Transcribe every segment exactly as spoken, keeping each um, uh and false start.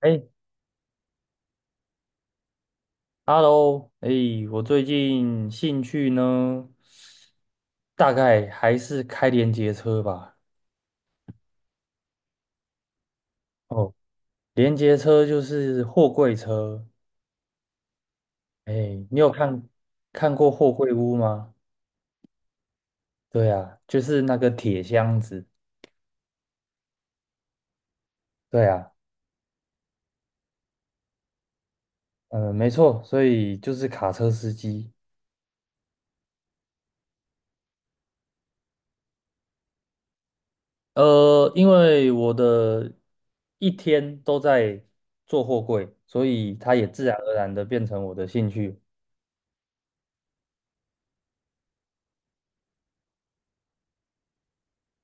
哎，Hello，哎，我最近兴趣呢，大概还是开连接车吧。哦，连接车就是货柜车。哎，你有看看过货柜屋吗？对啊，就是那个铁箱子。对啊，嗯，没错，所以就是卡车司机。呃，因为我的一天都在做货柜，所以它也自然而然的变成我的兴趣。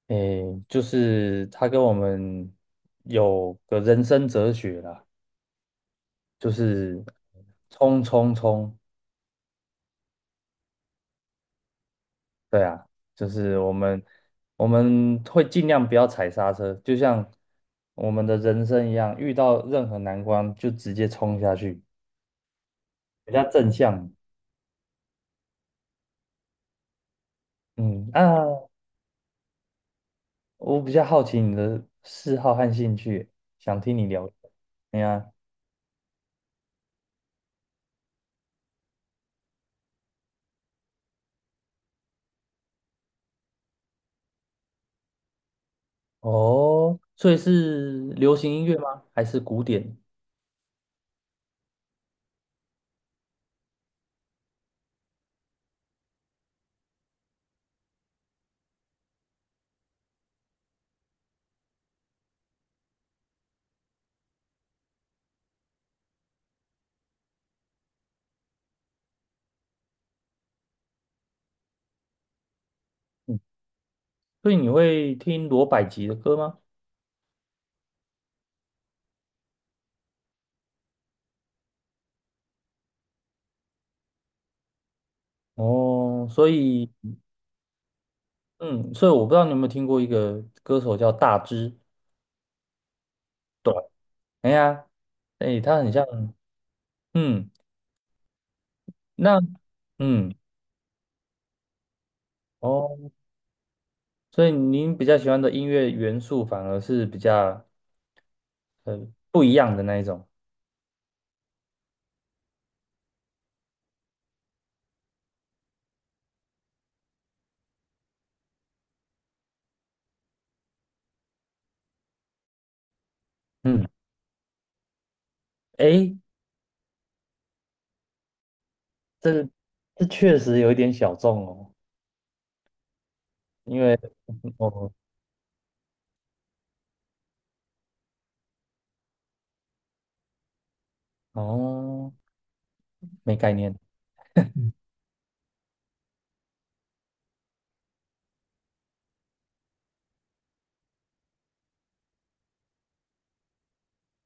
诶，就是他跟我们有个人生哲学啦，就是冲冲冲，对啊，就是我们我们会尽量不要踩刹车，就像我们的人生一样，遇到任何难关就直接冲下去，比较正向。嗯，啊，我比较好奇你的嗜好和兴趣，想听你聊。哎呀，哦，所以是流行音乐吗？还是古典？所以你会听罗百吉的歌吗？哦，所以，嗯，所以我不知道你有没有听过一个歌手叫大只短，哎呀，哎，他很像，嗯，那，嗯，哦，所以您比较喜欢的音乐元素反而是比较呃不一样的那一种，嗯，哎，这这确实有一点小众哦，因为，哦哦，没概念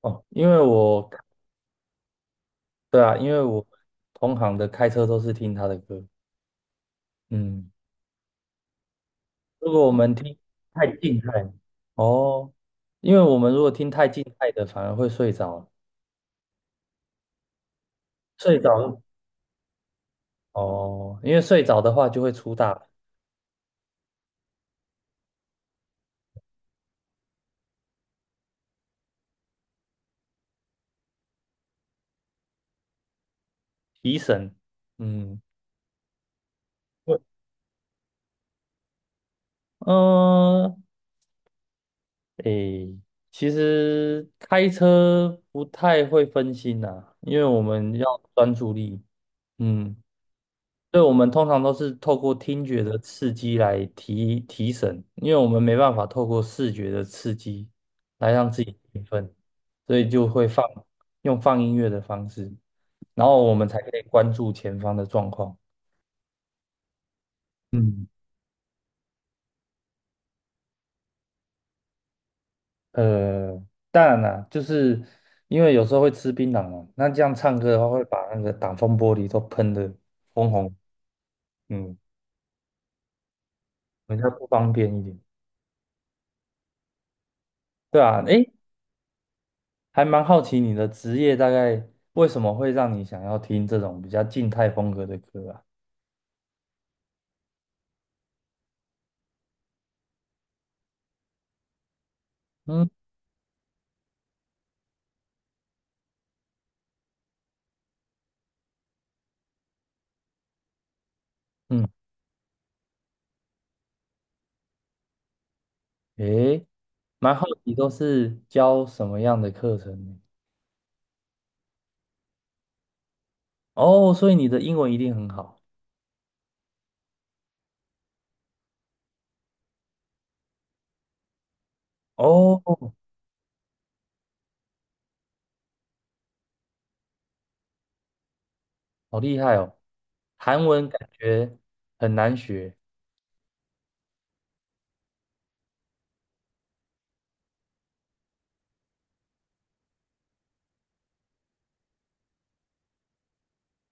哦，因为我，对啊，因为我同行的开车都是听他的歌。嗯，如果我们听太静态，哦，因为我们如果听太静态的，反而会睡着，睡着哦，因为睡着的话就会出大提神。嗯，会，嗯，诶，其实开车不太会分心呐、因为我们要专注力。嗯。对，我们通常都是透过听觉的刺激来提提神，因为我们没办法透过视觉的刺激来让自己兴奋，所以就会放，用放音乐的方式，然后我们才可以关注前方的状况。嗯，呃，当然啦，就是因为有时候会吃槟榔嘛，那这样唱歌的话会把那个挡风玻璃都喷得红红，嗯，比较不方便一点。对啊，诶，还蛮好奇你的职业大概为什么会让你想要听这种比较静态风格的歌啊？嗯嗯，诶，蛮好奇都是教什么样的课程呢？哦，所以你的英文一定很好哦，好厉害哦！韩文感觉很难学，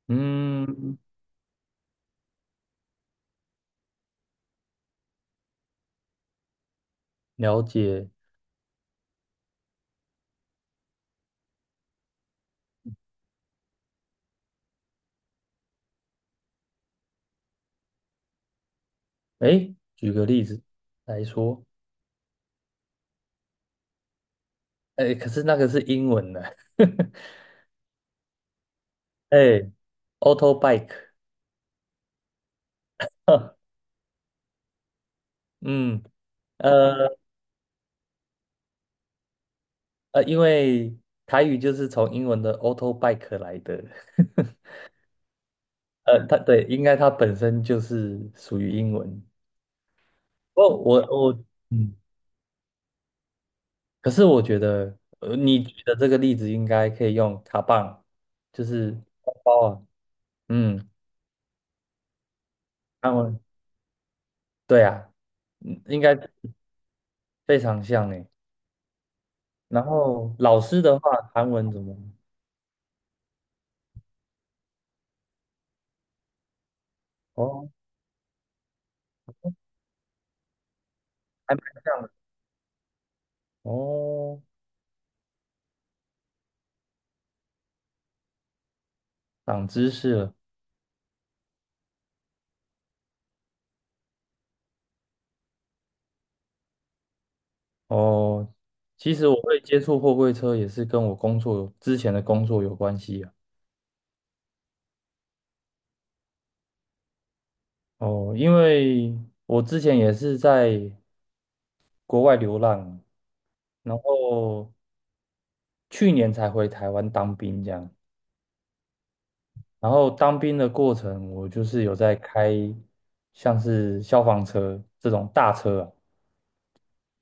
嗯，了解。诶，举个例子来说，诶，可是那个是英文的，诶 a u t o bike，嗯。呃，呃，因为台语就是从英文的 auto bike 来的，呃，它对，应该它本身就是属于英文。哦，我我嗯，可是我觉得，呃，你举的这个例子应该可以用卡棒，就是包包啊，嗯，韩文，对啊，嗯应该非常像诶。然后老师的话，韩文怎么？哦，还蛮像的哦，长知识了。哦，其实我会接触货柜车也是跟我工作有之前的工作有关系啊。哦，因为我之前也是在国外流浪，然后去年才回台湾当兵这样。然后当兵的过程，我就是有在开像是消防车这种大车啊，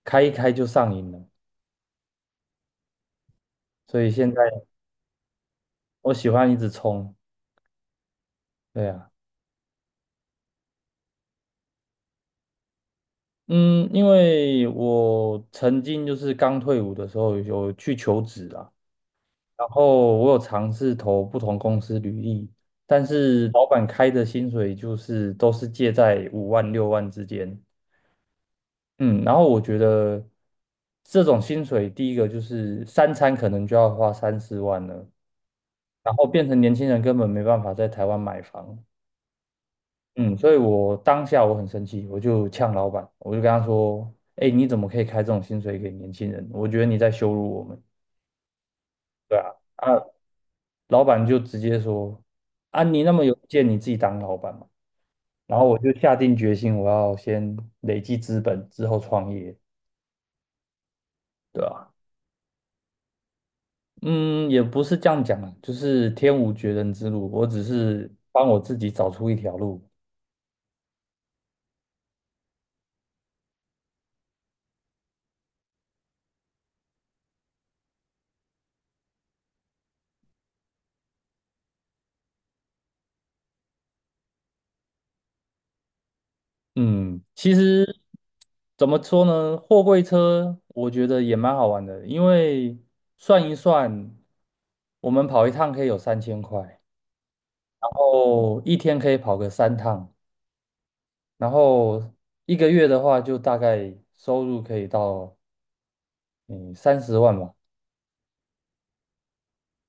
开一开就上瘾了，所以现在我喜欢一直冲。对啊。嗯，因为我曾经就是刚退伍的时候有去求职啊，然后我有尝试投不同公司履历，但是老板开的薪水就是都是介在五万六万之间。嗯，然后我觉得这种薪水，第一个就是三餐可能就要花三四万了，然后变成年轻人根本没办法在台湾买房。嗯，所以我当下我很生气，我就呛老板，我就跟他说：“哎，你怎么可以开这种薪水给年轻人？我觉得你在羞辱我们。”对啊。啊，老板就直接说：“啊，你那么有意见，你自己当老板嘛。”然后我就下定决心，我要先累积资本，之后创业，对啊，嗯，也不是这样讲啊，就是天无绝人之路，我只是帮我自己找出一条路。嗯，其实怎么说呢？货柜车我觉得也蛮好玩的，因为算一算，我们跑一趟可以有三千块，然后一天可以跑个三趟，然后一个月的话，就大概收入可以到嗯三十万吧。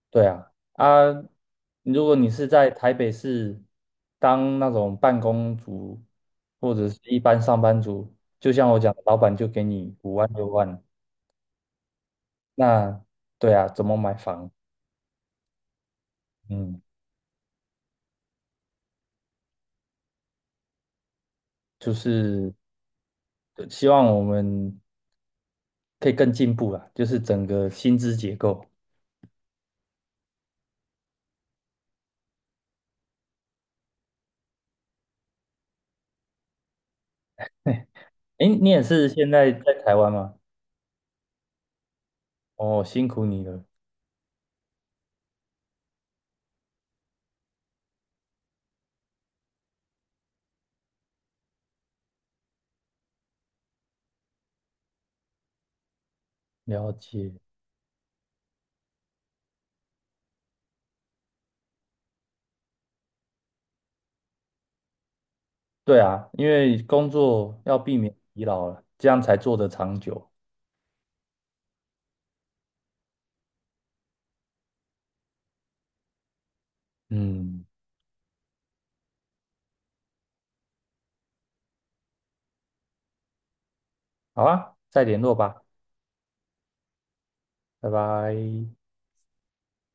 对啊，啊，如果你是在台北市当那种办公族或者是一般上班族，就像我讲的，老板就给你五万六万，那对啊，怎么买房？嗯，就是呃希望我们可以更进步啦，就是整个薪资结构。诶，你也是现在在台湾吗？哦，辛苦你了。了解，对啊，因为工作要避免疲劳了，这样才做得长久。嗯，好啊，再联络吧，拜拜。